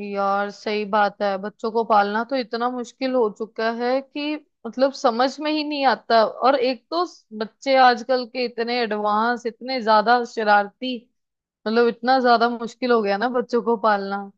यार सही बात है। बच्चों को पालना तो इतना मुश्किल हो चुका है कि मतलब समझ में ही नहीं आता। और एक तो बच्चे आजकल के इतने एडवांस, इतने ज्यादा शरारती, मतलब इतना ज्यादा मुश्किल हो गया ना बच्चों को पालना।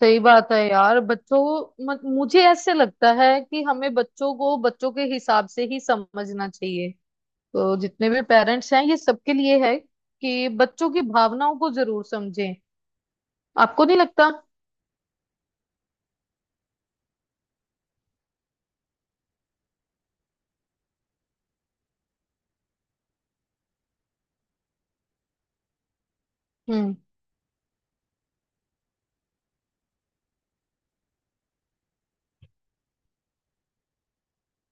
सही बात है यार। बच्चों को मुझे ऐसे लगता है कि हमें बच्चों को बच्चों के हिसाब से ही समझना चाहिए। तो जितने भी पेरेंट्स हैं ये सबके लिए है कि बच्चों की भावनाओं को जरूर समझें। आपको नहीं लगता? हम्म।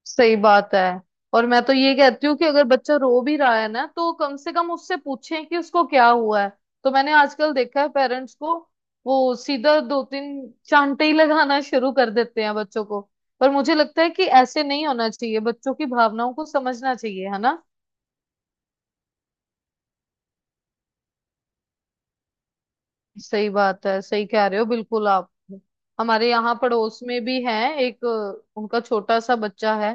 सही बात है। और मैं तो ये कहती हूँ कि अगर बच्चा रो भी रहा है ना तो कम से कम उससे पूछें कि उसको क्या हुआ है। तो मैंने आजकल देखा है पेरेंट्स को, वो सीधा दो तीन चांटे ही लगाना शुरू कर देते हैं बच्चों को। पर मुझे लगता है कि ऐसे नहीं होना चाहिए, बच्चों की भावनाओं को समझना चाहिए है ना। सही बात है, सही कह रहे हो बिल्कुल आप। हमारे यहाँ पड़ोस में भी है, एक उनका छोटा सा बच्चा है।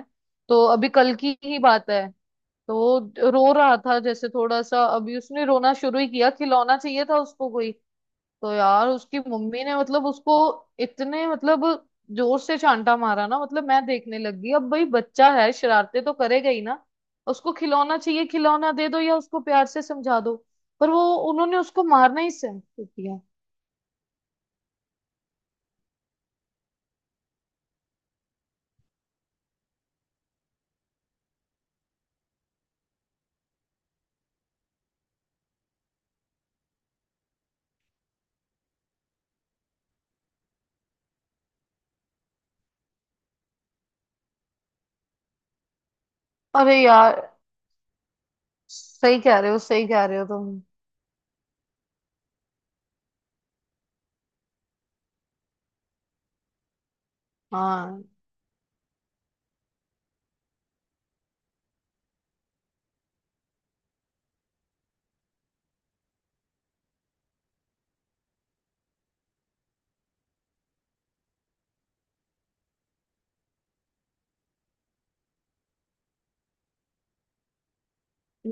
तो अभी कल की ही बात है, तो रो रहा था जैसे थोड़ा सा, अभी उसने रोना शुरू ही किया, खिलौना चाहिए था उसको कोई। तो यार उसकी मम्मी ने मतलब उसको इतने मतलब जोर से चांटा मारा ना, मतलब मैं देखने लग गई। अब भाई बच्चा है, शरारते तो करेगा ही ना। उसको खिलौना चाहिए, खिलौना दे दो या उसको प्यार से समझा दो। पर वो, उन्होंने उसको मारना ही सहन किया। अरे यार। सही कह रहे हो, सही कह रहे हो तुम। हाँ,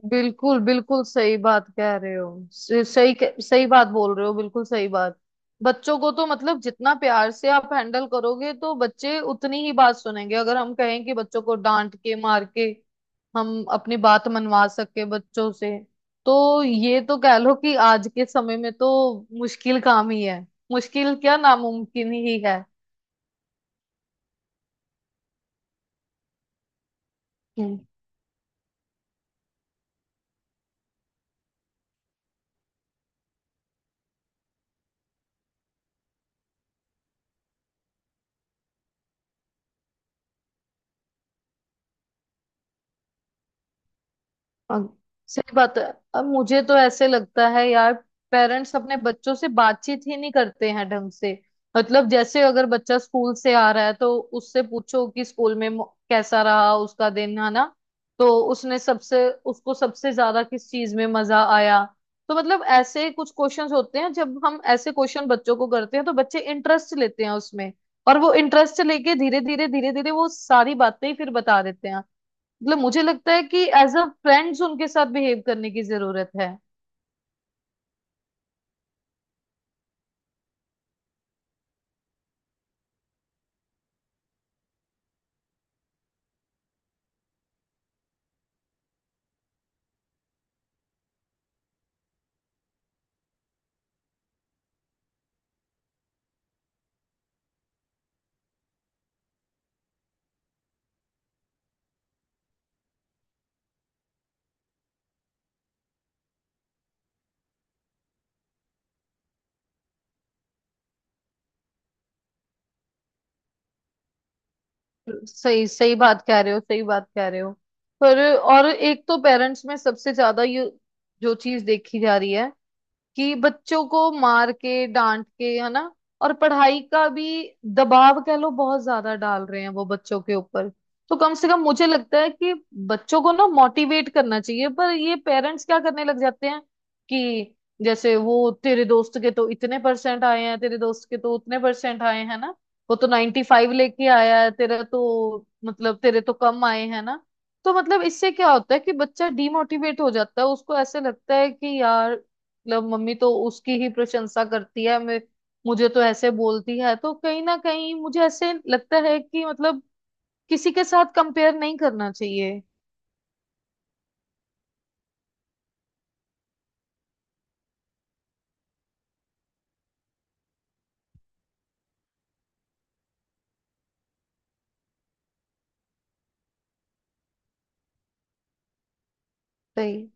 बिल्कुल बिल्कुल सही बात कह रहे हो। सही बात बोल रहे हो, बिल्कुल सही बात। बच्चों को तो मतलब जितना प्यार से आप हैंडल करोगे तो बच्चे उतनी ही बात सुनेंगे। अगर हम कहें कि बच्चों को डांट के मार के हम अपनी बात मनवा सके बच्चों से, तो ये तो कह लो कि आज के समय में तो मुश्किल काम ही है, मुश्किल क्या नामुमकिन ही है। हम्म। हाँ, सही बात है। अब मुझे तो ऐसे लगता है यार पेरेंट्स अपने बच्चों से बातचीत ही नहीं करते हैं ढंग से। मतलब जैसे अगर बच्चा स्कूल से आ रहा है तो उससे पूछो कि स्कूल में कैसा रहा उसका दिन, है ना। तो उसने सबसे, उसको सबसे ज्यादा किस चीज में मजा आया। तो मतलब ऐसे कुछ क्वेश्चंस होते हैं, जब हम ऐसे क्वेश्चन बच्चों को करते हैं तो बच्चे इंटरेस्ट लेते हैं उसमें। और वो इंटरेस्ट लेके धीरे धीरे धीरे धीरे वो सारी बातें ही फिर बता देते हैं। मतलब मुझे लगता है कि एज अ फ्रेंड्स उनके साथ बिहेव करने की जरूरत है। सही, सही बात कह रहे हो, सही बात कह रहे हो। पर और एक तो पेरेंट्स में सबसे ज्यादा ये जो चीज देखी जा रही है, कि बच्चों को मार के डांट के, है ना। और पढ़ाई का भी दबाव कह लो बहुत ज्यादा डाल रहे हैं वो बच्चों के ऊपर। तो कम से कम मुझे लगता है कि बच्चों को ना मोटिवेट करना चाहिए, पर ये पेरेंट्स क्या करने लग जाते हैं कि जैसे वो तेरे दोस्त के तो इतने परसेंट आए हैं, तेरे दोस्त के तो उतने परसेंट आए हैं ना, वो तो 95 लेके आया है, तेरा तो मतलब तेरे तो कम आए हैं ना। तो मतलब इससे क्या होता है कि बच्चा डीमोटिवेट हो जाता है, उसको ऐसे लगता है कि यार मतलब मम्मी तो उसकी ही प्रशंसा करती है, मैं मुझे तो ऐसे बोलती है। तो कहीं ना कहीं मुझे ऐसे लगता है कि मतलब किसी के साथ कंपेयर नहीं करना चाहिए। सही,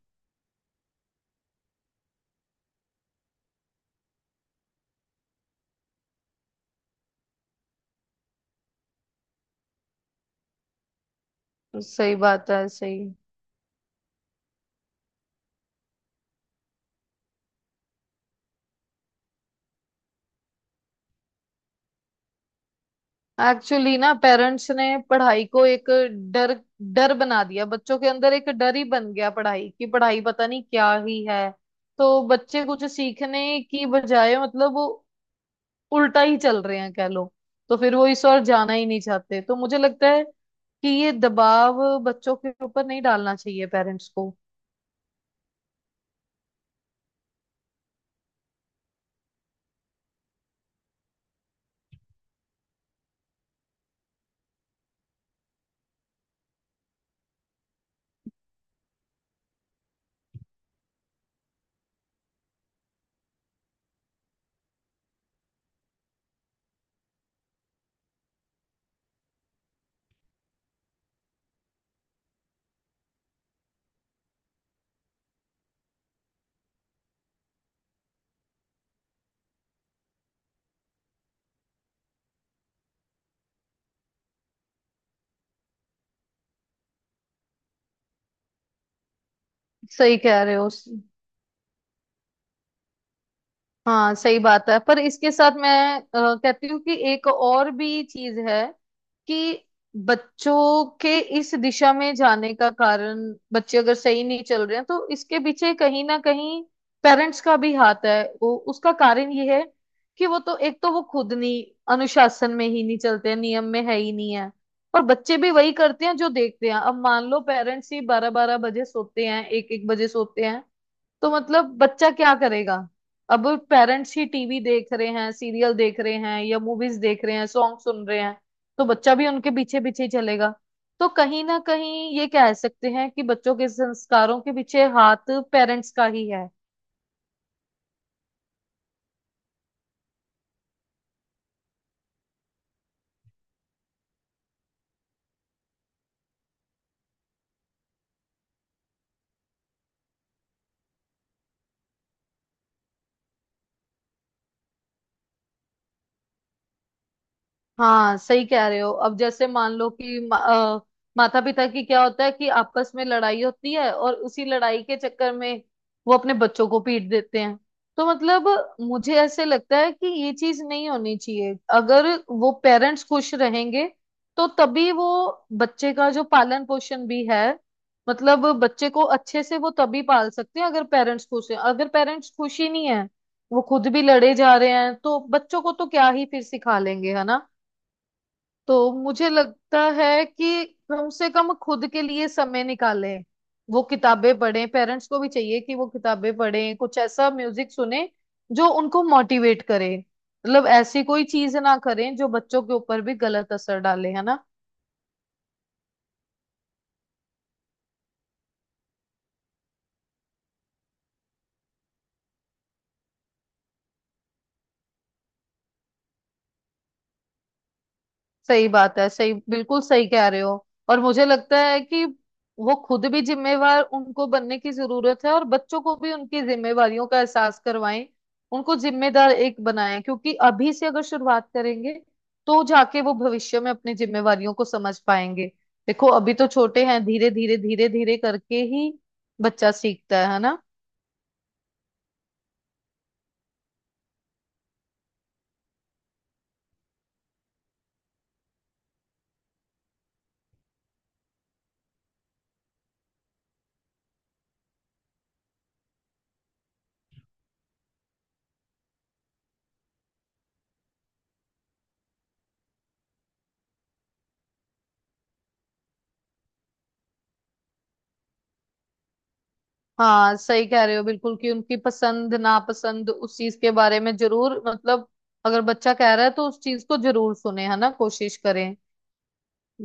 सही बात है, सही। एक्चुअली ना पेरेंट्स ने पढ़ाई को एक डर, डर बना दिया बच्चों के अंदर, एक डर ही बन गया पढ़ाई की। पढ़ाई पता नहीं क्या ही है। तो बच्चे कुछ सीखने की बजाय मतलब उल्टा ही चल रहे हैं कह लो। तो फिर वो इस ओर जाना ही नहीं चाहते। तो मुझे लगता है कि ये दबाव बच्चों के ऊपर नहीं डालना चाहिए पेरेंट्स को। सही कह रहे हो। हाँ, सही बात है। पर इसके साथ मैं कहती हूँ कि एक और भी चीज है, कि बच्चों के इस दिशा में जाने का कारण, बच्चे अगर सही नहीं चल रहे हैं तो इसके पीछे कहीं ना कहीं पेरेंट्स का भी हाथ है। वो उसका कारण ये है कि वो तो, एक तो वो खुद नहीं अनुशासन में ही नहीं चलते हैं, नियम में है ही नहीं है। और बच्चे भी वही करते हैं जो देखते हैं। अब मान लो पेरेंट्स ही बारह बारह बजे सोते हैं, एक एक बजे सोते हैं, तो मतलब बच्चा क्या करेगा। अब पेरेंट्स ही टीवी देख रहे हैं, सीरियल देख रहे हैं या मूवीज देख रहे हैं, सॉन्ग सुन रहे हैं, तो बच्चा भी उनके पीछे पीछे ही चलेगा। तो कहीं ना कहीं ये कह सकते हैं कि बच्चों के संस्कारों के पीछे हाथ पेरेंट्स का ही है। हाँ, सही कह रहे हो। अब जैसे मान लो कि माता पिता की क्या होता है कि आपस में लड़ाई होती है, और उसी लड़ाई के चक्कर में वो अपने बच्चों को पीट देते हैं। तो मतलब मुझे ऐसे लगता है कि ये चीज नहीं होनी चाहिए। अगर वो पेरेंट्स खुश रहेंगे तो तभी वो बच्चे का जो पालन पोषण भी है, मतलब बच्चे को अच्छे से वो तभी पाल सकते हैं। अगर पेरेंट्स खुश हैं, अगर पेरेंट्स खुश ही नहीं है, वो खुद भी लड़े जा रहे हैं, तो बच्चों को तो क्या ही फिर सिखा लेंगे, है ना। तो मुझे लगता है कि कम से कम खुद के लिए समय निकालें, वो किताबें पढ़ें, पेरेंट्स को भी चाहिए कि वो किताबें पढ़ें, कुछ ऐसा म्यूजिक सुने जो उनको मोटिवेट करे। मतलब ऐसी कोई चीज ना करें जो बच्चों के ऊपर भी गलत असर डाले, है ना। सही बात है, सही, बिल्कुल सही कह रहे हो। और मुझे लगता है कि वो खुद भी जिम्मेवार, उनको बनने की जरूरत है, और बच्चों को भी उनकी जिम्मेवारियों का एहसास करवाएं, उनको जिम्मेदार एक बनाएं। क्योंकि अभी से अगर शुरुआत करेंगे तो जाके वो भविष्य में अपनी जिम्मेवारियों को समझ पाएंगे। देखो अभी तो छोटे हैं, धीरे धीरे धीरे धीरे करके ही बच्चा सीखता है ना। हाँ, सही कह रहे हो बिल्कुल। कि उनकी पसंद नापसंद उस चीज के बारे में जरूर मतलब अगर बच्चा कह रहा है तो उस चीज को जरूर सुने, है ना, कोशिश करें।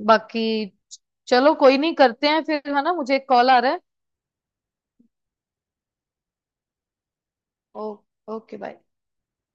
बाकी चलो, कोई नहीं, करते हैं फिर, है ना, मुझे एक कॉल आ रहा है। Oh, okay bye.